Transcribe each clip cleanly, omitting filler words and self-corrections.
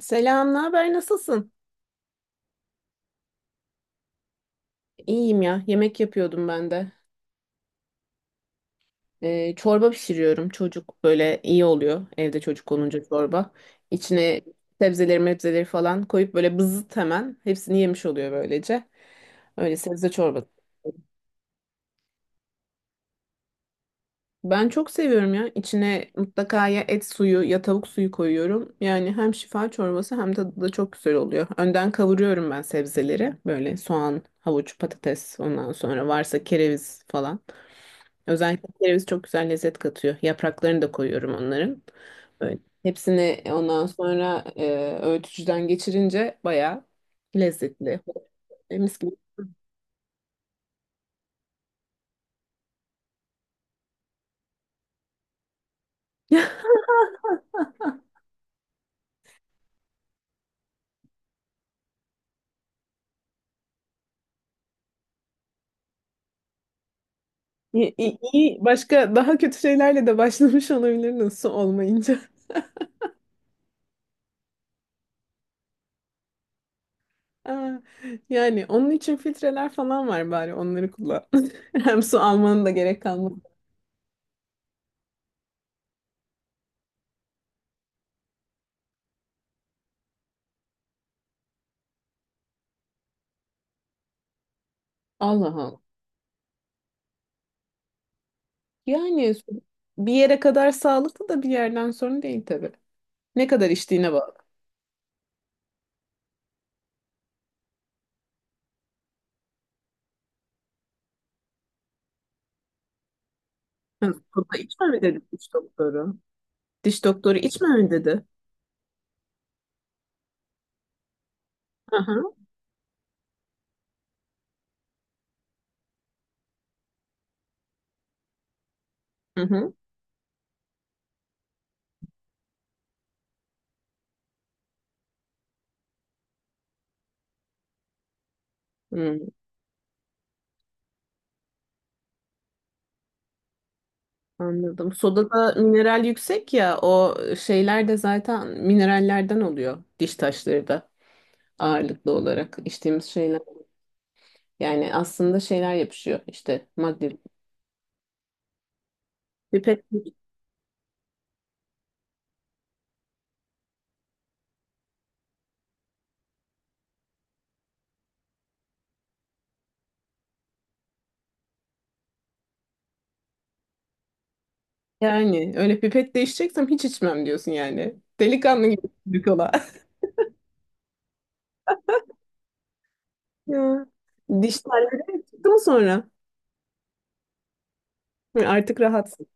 Selam, ne haber? Nasılsın? İyiyim ya. Yemek yapıyordum ben de. Çorba pişiriyorum. Çocuk böyle iyi oluyor. Evde çocuk olunca çorba. İçine sebzeleri, mebzeleri falan koyup böyle bızıt hemen. Hepsini yemiş oluyor böylece. Öyle sebze çorbası. Ben çok seviyorum ya. İçine mutlaka ya et suyu ya tavuk suyu koyuyorum. Yani hem şifa çorbası hem tadı da çok güzel oluyor. Önden kavuruyorum ben sebzeleri. Böyle soğan, havuç, patates, ondan sonra varsa kereviz falan. Özellikle kereviz çok güzel lezzet katıyor. Yapraklarını da koyuyorum onların. Böyle. Hepsini ondan sonra öğütücüden geçirince bayağı lezzetli. Mis gibi. İyi. Başka daha kötü şeylerle de başlamış olabilirdiniz su olmayınca. Aa, yani onun için filtreler falan var, bari onları kullan. Hem su almanın da gerek kalmaz. Allah Allah. Yani su bir yere kadar sağlıklı da bir yerden sonra değil tabii. Ne kadar içtiğine bağlı. Hı, burada içme mi dedi diş doktoru? Diş doktoru içmeme dedi. Hı hı. Hı hı. Hı, anladım. Sodada mineral yüksek ya, o şeyler de zaten minerallerden oluyor, diş taşları da ağırlıklı olarak içtiğimiz şeyler. Yani aslında şeyler yapışıyor işte, madde. Pipet yani öyle pipet değişeceksem hiç içmem diyorsun yani. Delikanlı gibi bir kola. Ya. Diş telleri çıktı mı sonra? Hı, artık rahatsın.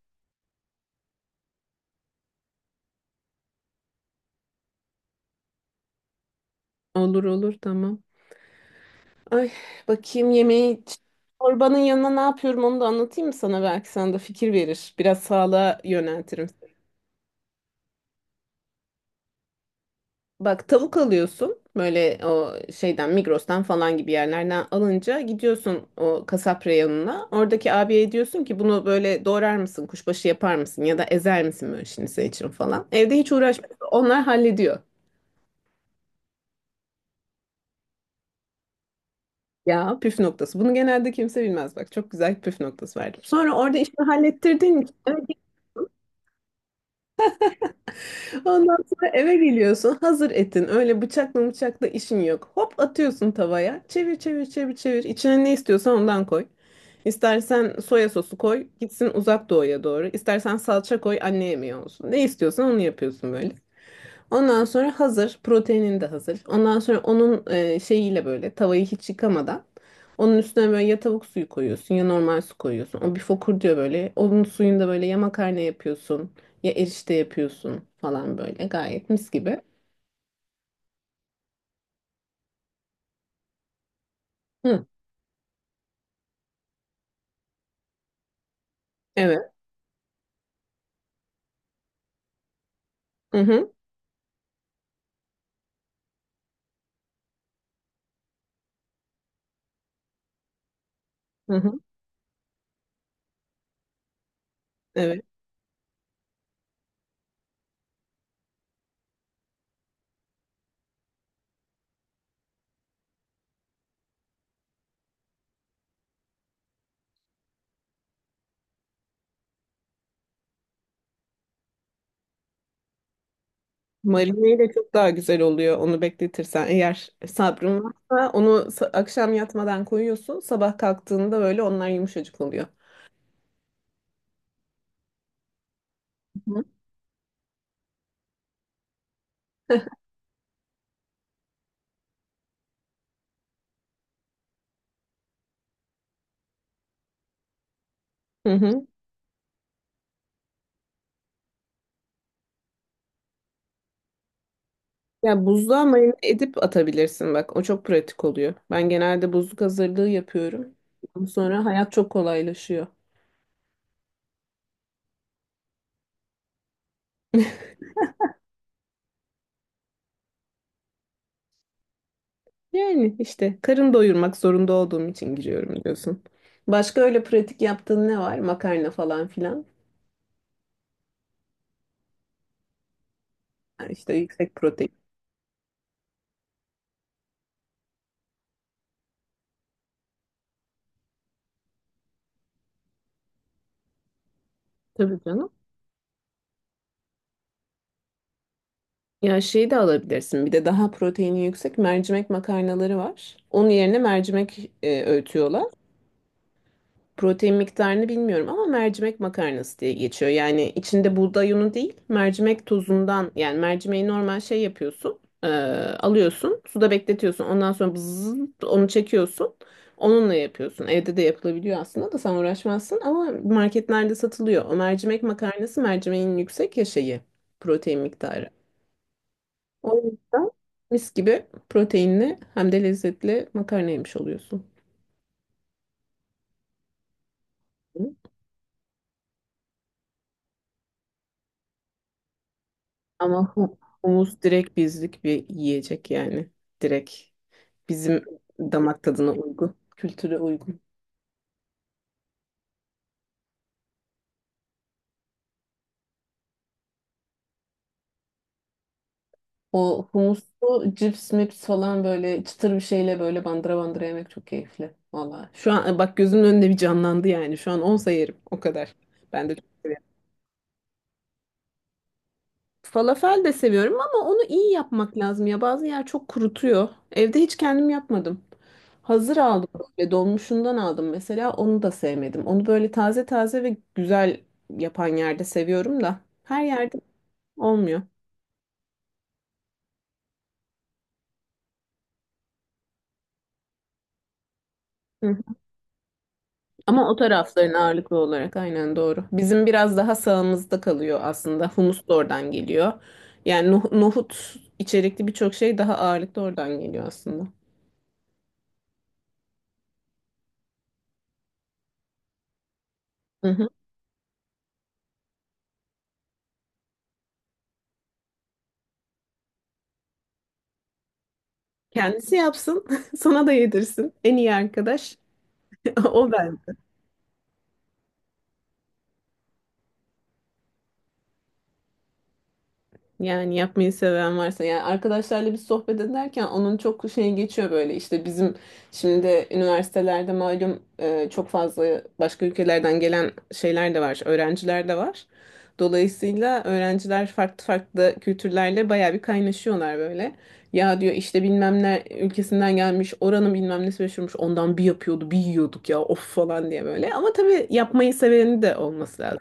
Olur olur tamam. Ay, bakayım yemeği, çorbanın yanına ne yapıyorum onu da anlatayım mı sana, belki sana da fikir verir. Biraz sağlığa yöneltirim seni. Bak, tavuk alıyorsun böyle, o şeyden Migros'tan falan gibi yerlerden alınca gidiyorsun o kasap reyonuna. Oradaki abiye diyorsun ki bunu böyle doğrar mısın, kuşbaşı yapar mısın, ya da ezer misin böyle şimdi senin için falan. Evde hiç uğraşmıyor, onlar hallediyor. Ya, püf noktası. Bunu genelde kimse bilmez, bak. Çok güzel püf noktası verdim. Sonra orada işini hallettirdin. Ondan sonra eve geliyorsun, hazır etin. Öyle bıçakla bıçakla işin yok. Hop atıyorsun tavaya. Çevir çevir çevir çevir. İçine ne istiyorsan ondan koy. İstersen soya sosu koy, gitsin uzak doğuya doğru. İstersen salça koy, anne yemeği olsun. Ne istiyorsan onu yapıyorsun böyle. Ondan sonra hazır. Proteinin de hazır. Ondan sonra onun şeyiyle böyle tavayı hiç yıkamadan onun üstüne böyle ya tavuk suyu koyuyorsun ya normal su koyuyorsun. O bir fokur diyor böyle. Onun suyunda böyle ya makarna yapıyorsun ya erişte yapıyorsun falan böyle. Gayet mis gibi. Hı, evet. Hı hı. Hı hı. Evet. Marineyle çok daha güzel oluyor onu bekletirsen. Eğer sabrın varsa onu akşam yatmadan koyuyorsun. Sabah kalktığında böyle onlar yumuşacık oluyor. Hı hı. Hı hı. Ya, buzluğa marine edip atabilirsin bak. O çok pratik oluyor. Ben genelde buzluk hazırlığı yapıyorum. Ondan sonra hayat çok kolaylaşıyor. Yani işte karın doyurmak zorunda olduğum için giriyorum diyorsun. Başka öyle pratik yaptığın ne var? Makarna falan filan. Ha, işte yüksek protein. Tabii canım. Ya şeyi de alabilirsin. Bir de daha proteini yüksek mercimek makarnaları var. Onun yerine mercimek öğütüyorlar. Protein miktarını bilmiyorum ama mercimek makarnası diye geçiyor. Yani içinde buğday unu değil, mercimek tozundan, yani mercimeği normal şey yapıyorsun, alıyorsun, suda bekletiyorsun. Ondan sonra bzzz onu çekiyorsun. Onunla yapıyorsun. Evde de yapılabiliyor aslında da sen uğraşmazsın ama marketlerde satılıyor. O mercimek makarnası mercimeğin yüksek ya şeyi, protein miktarı. O yüzden mis gibi proteinli hem de lezzetli makarna yemiş oluyorsun. Ama humus direkt bizlik bir yiyecek yani. Direkt bizim damak tadına uygun, kültüre uygun. O humuslu cips mips falan böyle çıtır bir şeyle böyle bandıra bandıra yemek çok keyifli. Valla. Şu an bak, gözümün önünde bir canlandı yani. Şu an olsa yerim o kadar. Ben de çok severim. Falafel de seviyorum ama onu iyi yapmak lazım ya. Bazı yer çok kurutuyor. Evde hiç kendim yapmadım. Hazır aldım böyle, dolmuşundan aldım mesela, onu da sevmedim. Onu böyle taze taze ve güzel yapan yerde seviyorum da her yerde olmuyor. Hı. Ama o tarafların ağırlıklı olarak, aynen, doğru. Bizim biraz daha sağımızda kalıyor aslında. Humus da oradan geliyor. Yani nohut içerikli birçok şey daha ağırlıklı oradan geliyor aslında. Kendisi yapsın, sana da yedirsin. En iyi arkadaş o ben. Yani yapmayı seven varsa, yani arkadaşlarla bir sohbet ederken onun çok şey geçiyor böyle, işte bizim şimdi de üniversitelerde malum çok fazla başka ülkelerden gelen şeyler de var, öğrenciler de var. Dolayısıyla öğrenciler farklı farklı kültürlerle bayağı bir kaynaşıyorlar böyle. Ya diyor işte bilmem ne ülkesinden gelmiş, oranın bilmem nesi meşhurmuş, ondan bir yapıyordu bir yiyorduk ya, of falan diye böyle. Ama tabii yapmayı seveni de olması lazım.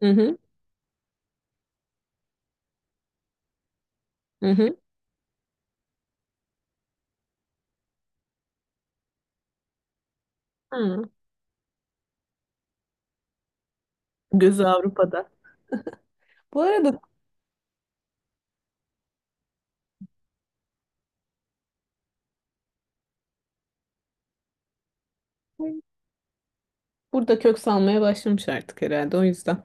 Hı hı, hı hı. Hı. Gözü Avrupa'da. Bu arada, burada kök salmaya başlamış artık herhalde. O yüzden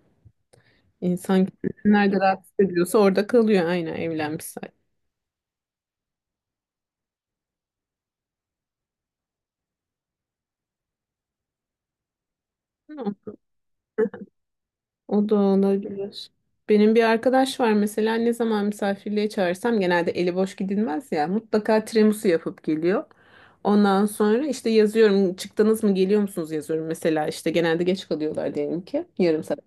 insan kendini nerede rahat hissediyorsa orada kalıyor. Aynen, evlenmiş zaten. Ama o da olabilir. Benim bir arkadaş var mesela, ne zaman misafirliğe çağırsam, genelde eli boş gidilmez ya, mutlaka tiramisu yapıp geliyor. Ondan sonra işte yazıyorum çıktınız mı, geliyor musunuz yazıyorum mesela, işte genelde geç kalıyorlar diyelim ki 1/2 saat.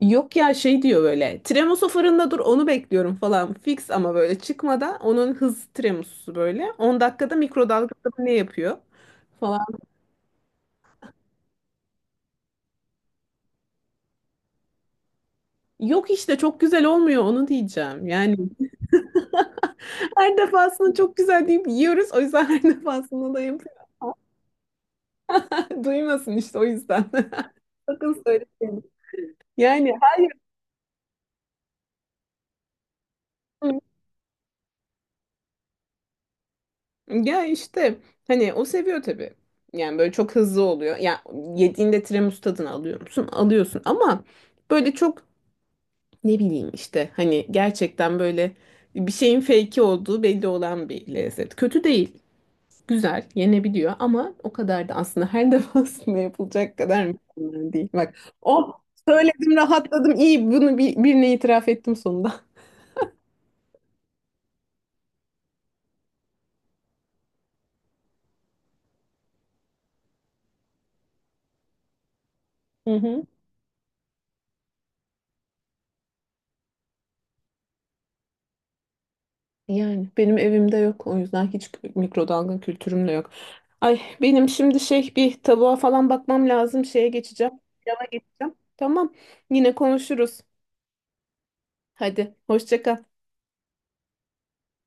Yok ya şey diyor böyle. Tremoso fırında dur, onu bekliyorum falan. Fix ama böyle çıkmadan onun hız tremosu böyle. 10 dakikada mikrodalgada ne yapıyor falan. Yok işte, çok güzel olmuyor onu diyeceğim. Yani her defasında çok güzel deyip yiyoruz. O yüzden her defasında da yapıyor. Duymasın işte, o yüzden. Sakın söylemeyin. Yani hayır. Ya işte hani o seviyor tabii. Yani böyle çok hızlı oluyor. Ya, yediğinde tiramisu tadını alıyor musun? Alıyorsun ama böyle çok, ne bileyim işte, hani gerçekten böyle bir şeyin fake'i olduğu belli olan bir lezzet. Kötü değil. Güzel, yenebiliyor ama o kadar da aslında her defasında yapılacak kadar mükemmel değil. Bak, o söyledim, rahatladım. İyi, bunu birine itiraf ettim sonunda. Yani benim evimde yok. O yüzden hiç mikrodalga kültürüm de yok. Ay benim şimdi şey, bir tavuğa falan bakmam lazım. Şeye geçeceğim. Pilava geçeceğim. Tamam. Yine konuşuruz. Hadi hoşça kal.